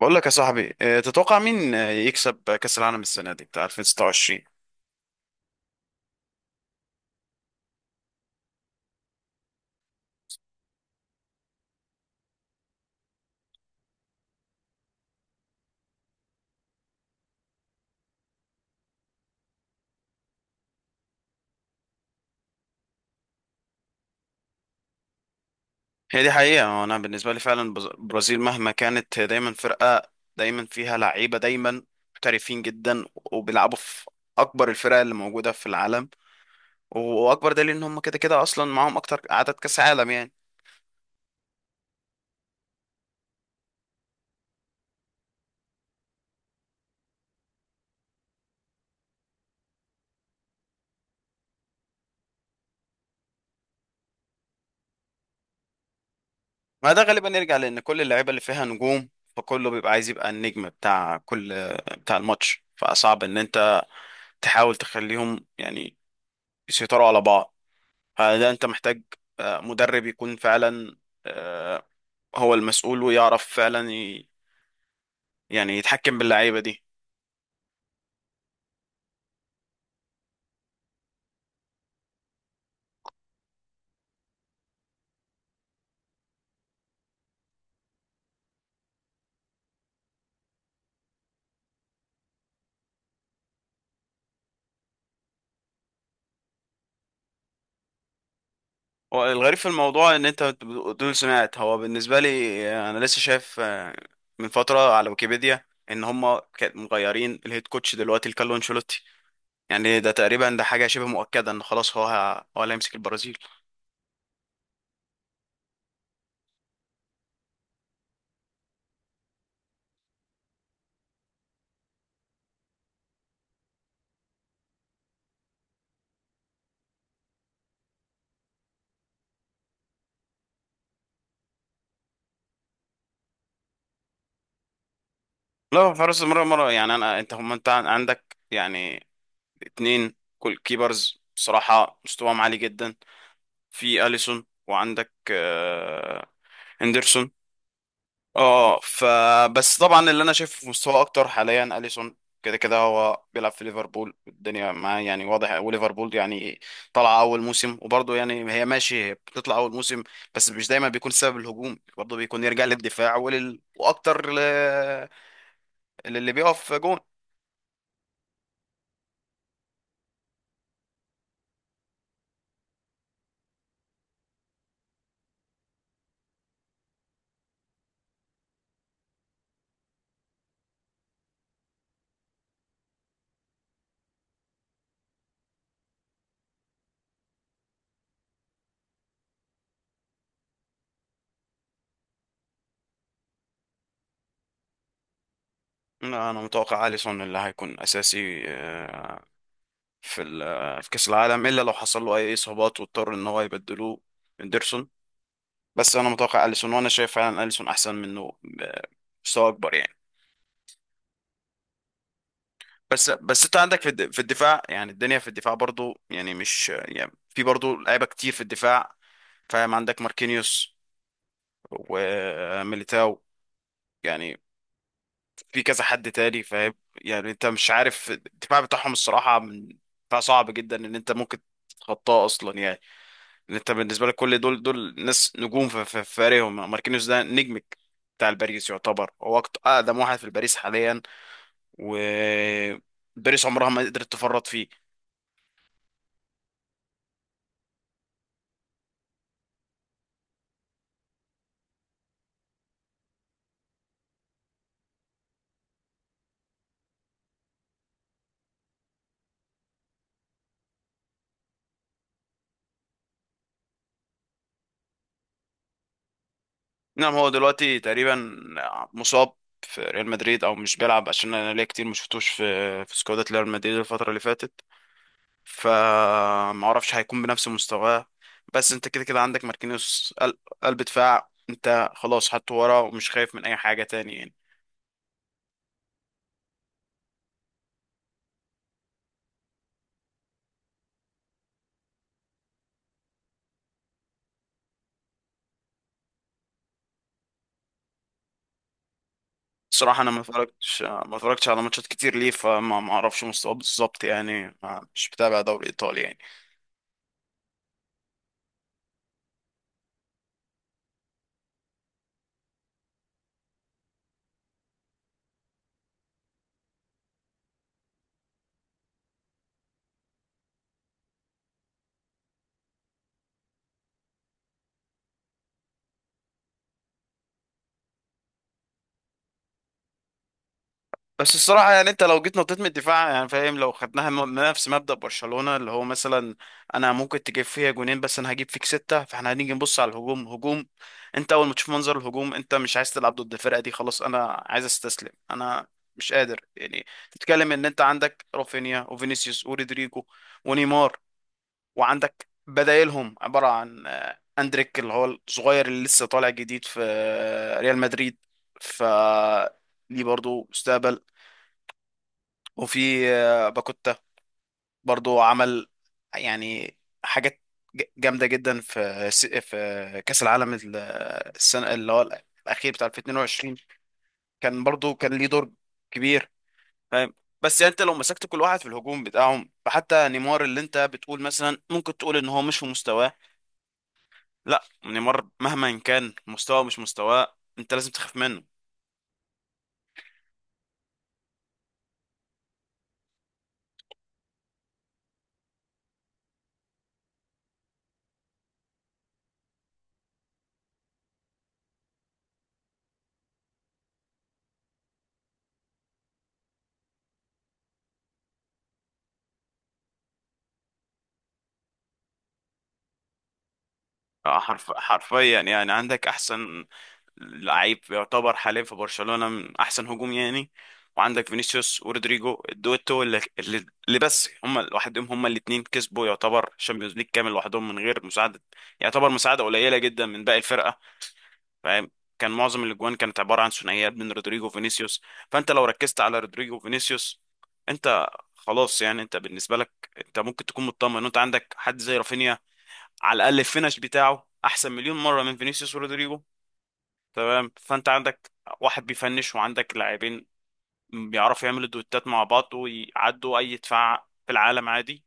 بقول لك يا صاحبي، تتوقع مين، يكسب كأس العالم السنة دي بتاع 2026؟ هي دي حقيقة، انا بالنسبة لي فعلا البرازيل مهما كانت هي دايما فرقة، دايما فيها لعيبة، دايما محترفين جدا وبيلعبوا في اكبر الفرق اللي موجودة في العالم. واكبر دليل ان هم كده كده اصلا معاهم اكتر عدد كأس عالم يعني. ما ده غالبا يرجع لان كل اللعيبة اللي فيها نجوم، فكله بيبقى عايز يبقى النجم بتاع الماتش، فصعب ان انت تحاول تخليهم يعني يسيطروا على بعض. فده انت محتاج مدرب يكون فعلا آه، هو المسؤول ويعرف فعلا يعني يتحكم باللعيبه دي. هو الغريب في الموضوع ان انت دول سمعت، هو بالنسبه لي انا لسه شايف من فتره على ويكيبيديا ان هم كانت مغيرين الهيد كوتش دلوقتي لكارلو انشيلوتي. يعني ده تقريبا ده حاجه شبه مؤكده ان خلاص هو اللي هيمسك البرازيل. لا، حراس مرة مرة يعني انا انت هم انت عندك يعني اتنين. كل كيبرز بصراحه مستواهم عالي جدا، في اليسون وعندك هندرسون. اه، فبس طبعا اللي انا شايفه في مستواه اكتر حاليا اليسون. كده كده هو بيلعب في ليفربول الدنيا معاه يعني واضح، وليفربول يعني طالعه اول موسم، وبرضه يعني هي ماشي، هي بتطلع اول موسم. بس مش دايما بيكون سبب الهجوم، برضه بيكون يرجع للدفاع واكتر للي بيقف جون. انا متوقع اليسون اللي هيكون اساسي في كأس العالم، إلا لو حصل له أي إصابات واضطر إن هو يبدلوه إندرسون. بس أنا متوقع أليسون، وأنا شايف فعلا أليسون أحسن منه بمستوى أكبر يعني. بس أنت عندك في الدفاع يعني الدنيا، في الدفاع برضو يعني مش يعني في برضو لعيبة كتير في الدفاع. فاهم، عندك ماركينيوس وميليتاو يعني، في كذا حد تاني، فاهم يعني، انت مش عارف الدفاع بتاعهم الصراحة، من دفاع صعب جدا ان انت ممكن تتخطاه اصلا يعني. انت بالنسبه لك كل دول ناس نجوم في فريقهم، ماركينيوس ده نجمك بتاع الباريس، يعتبر هو اقدم واحد في الباريس حاليا، و باريس عمرها ما قدرت تفرط فيه. نعم، هو دلوقتي تقريبا مصاب في ريال مدريد او مش بيلعب، عشان انا ليا كتير ما شفتوش في سكوادات ريال مدريد الفتره اللي فاتت. فما اعرفش هيكون بنفس مستواه، بس انت كده كده عندك ماركينيوس قلب دفاع، انت خلاص حطه ورا ومش خايف من اي حاجه تاني. صراحة أنا ما اتفرجتش على ماتشات كتير ليه، فما ما أعرفش مستواه بالظبط يعني، ما مش بتابع دوري إيطالي يعني. بس الصراحة يعني أنت لو جيت نطيت من الدفاع يعني، فاهم، لو خدناها نفس مبدأ برشلونة اللي هو مثلا، أنا ممكن تجيب فيها جونين، بس أنا هجيب فيك ستة، فإحنا هنيجي نبص على هجوم. أنت أول ما تشوف منظر الهجوم أنت مش عايز تلعب ضد الفرقة دي، خلاص أنا عايز أستسلم، أنا مش قادر يعني. تتكلم إن أنت عندك رافينيا وفينيسيوس ورودريجو ونيمار، وعندك بدايلهم عبارة عن أندريك اللي هو الصغير اللي لسه طالع جديد في ريال مدريد. ف ليه برضه مستقبل، وفي باكوتا برضه عمل يعني حاجات جامدة جدا في في كأس العالم السنة اللي هو الأخير بتاع 2022، كان برضه كان ليه دور كبير، فاهم. بس يعني انت لو مسكت كل واحد في الهجوم بتاعهم، فحتى نيمار اللي انت بتقول مثلا، ممكن تقول ان هو مش في مستواه. لا، نيمار مهما كان مستواه مش مستواه، انت لازم تخاف منه. حرفيا يعني عندك احسن لعيب يعتبر حاليا في برشلونة، من احسن هجوم يعني. وعندك فينيسيوس ورودريجو الدويتو اللي بس هم لوحدهم، هم الاثنين كسبوا يعتبر الشامبيونز ليج كامل لوحدهم من غير مساعدة، يعتبر مساعدة قليلة جدا من باقي الفرقة، فاهم. كان معظم الاجوان كانت عباره عن ثنائيات بين رودريجو وفينيسيوس. فانت لو ركزت على رودريجو وفينيسيوس، انت خلاص يعني، انت بالنسبه لك انت ممكن تكون مطمن ان انت عندك حد زي رافينيا. على الاقل الفينش بتاعه احسن مليون مره من فينيسيوس ورودريجو، تمام. فانت عندك واحد بيفنش، وعندك لاعبين بيعرفوا يعملوا دوتات مع بعض ويعدوا اي دفاع في العالم عادي.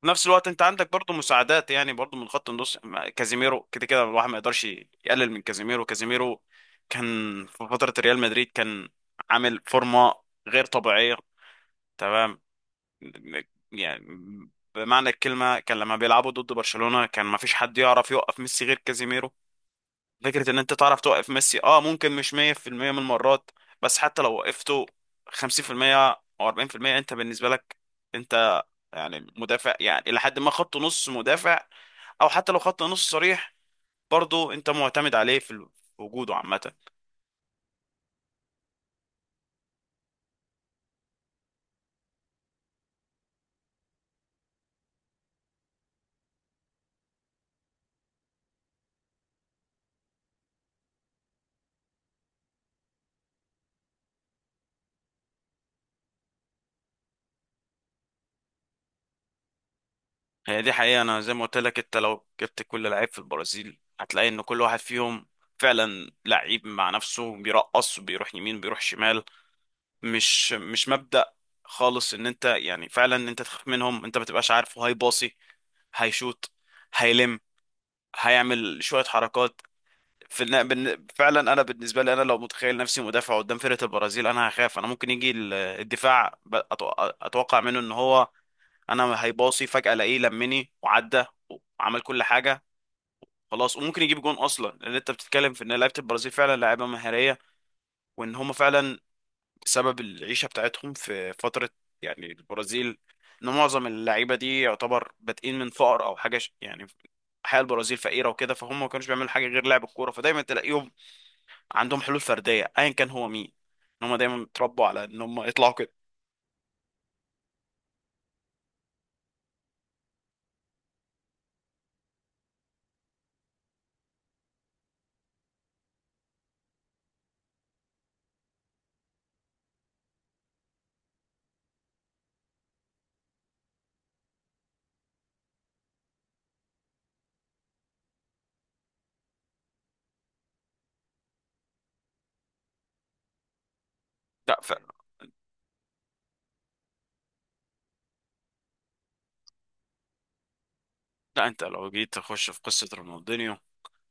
في نفس الوقت انت عندك برضو مساعدات يعني، برضو من خط النص كازيميرو كده كده الواحد ما يقدرش يقلل من كازيميرو. كازيميرو كان في فترة ريال مدريد كان عامل فورمة غير طبيعية، تمام. يعني بمعنى الكلمة كان لما بيلعبوا ضد برشلونة كان ما فيش حد يعرف يوقف ميسي غير كازيميرو. فكرة ان انت تعرف توقف ميسي، اه ممكن مش 100% من المرات، بس حتى لو وقفته 50% او 40%، انت بالنسبة لك يعني مدافع يعني إلى حد ما خط نص مدافع، أو حتى لو خط نص صريح، برضه أنت معتمد عليه في وجوده عامة. هي دي حقيقة، أنا زي ما قلت لك، أنت لو جبت كل لعيب في البرازيل هتلاقي إن كل واحد فيهم فعلا لعيب مع نفسه بيرقص وبيروح يمين وبيروح شمال. مش مبدأ خالص إن أنت يعني فعلا إن أنت تخاف منهم، أنت ما تبقاش عارفه هيباصي، هيشوط، هيلم، هيعمل شوية حركات. فعلا انا بالنسبه لي، انا لو متخيل نفسي مدافع قدام فرقه البرازيل انا هخاف، انا ممكن يجي الدفاع، اتوقع منه ان هو، انا هيباصي فجاه الاقيه لمني وعدى وعمل كل حاجه. خلاص، وممكن يجيب جون اصلا، لان انت بتتكلم في ان لعيبه البرازيل فعلا لعيبه مهاريه، وان هم فعلا سبب العيشه بتاعتهم في فتره يعني البرازيل، ان معظم اللعيبه دي يعتبر بادئين من فقر او حاجه، يعني حياة البرازيل فقيرة وكده، فهم ما كانوش بيعملوا حاجة غير لعب الكورة، فدايما تلاقيهم عندهم حلول فرديه ايا كان هو مين، ان هم دايما اتربوا على ان هم يطلعوا كده. لا فعلا. لا، انت لو جيت تخش في قصه رونالدينيو،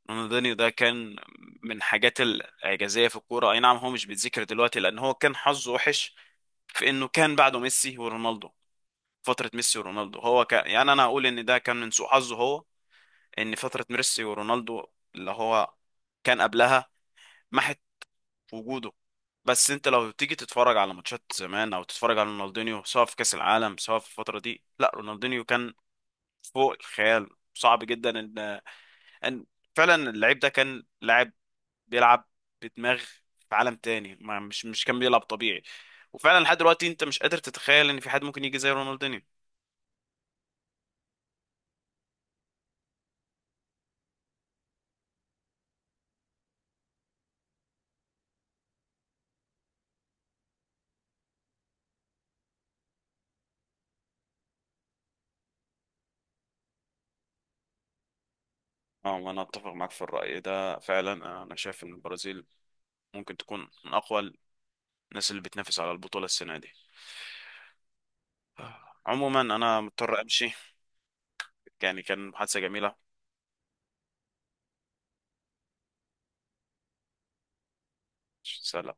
رونالدينيو ده كان من الحاجات الاعجازيه في الكوره. اي نعم هو مش بيتذكر دلوقتي لان هو كان حظه وحش في انه كان بعده ميسي ورونالدو. فتره ميسي ورونالدو هو كان يعني، انا اقول ان ده كان من سوء حظه هو، ان فتره ميسي ورونالدو اللي هو كان قبلها ما في وجوده. بس انت لو تيجي تتفرج على ماتشات زمان او تتفرج على رونالدينيو، سواء في كاس العالم سواء في الفتره دي، لا رونالدينيو كان فوق الخيال. صعب جدا ان فعلا اللعيب ده كان لاعب بيلعب بدماغ في عالم تاني، ما مش كان بيلعب طبيعي. وفعلا لحد دلوقتي انت مش قادر تتخيل ان في حد ممكن يجي زي رونالدينيو. اه، وانا اتفق معاك في الرأي ده فعلا. انا شايف ان البرازيل ممكن تكون من اقوى الناس اللي بتنافس على البطولة السنة دي. عموما انا مضطر امشي، يعني كان محادثة جميلة. سلام.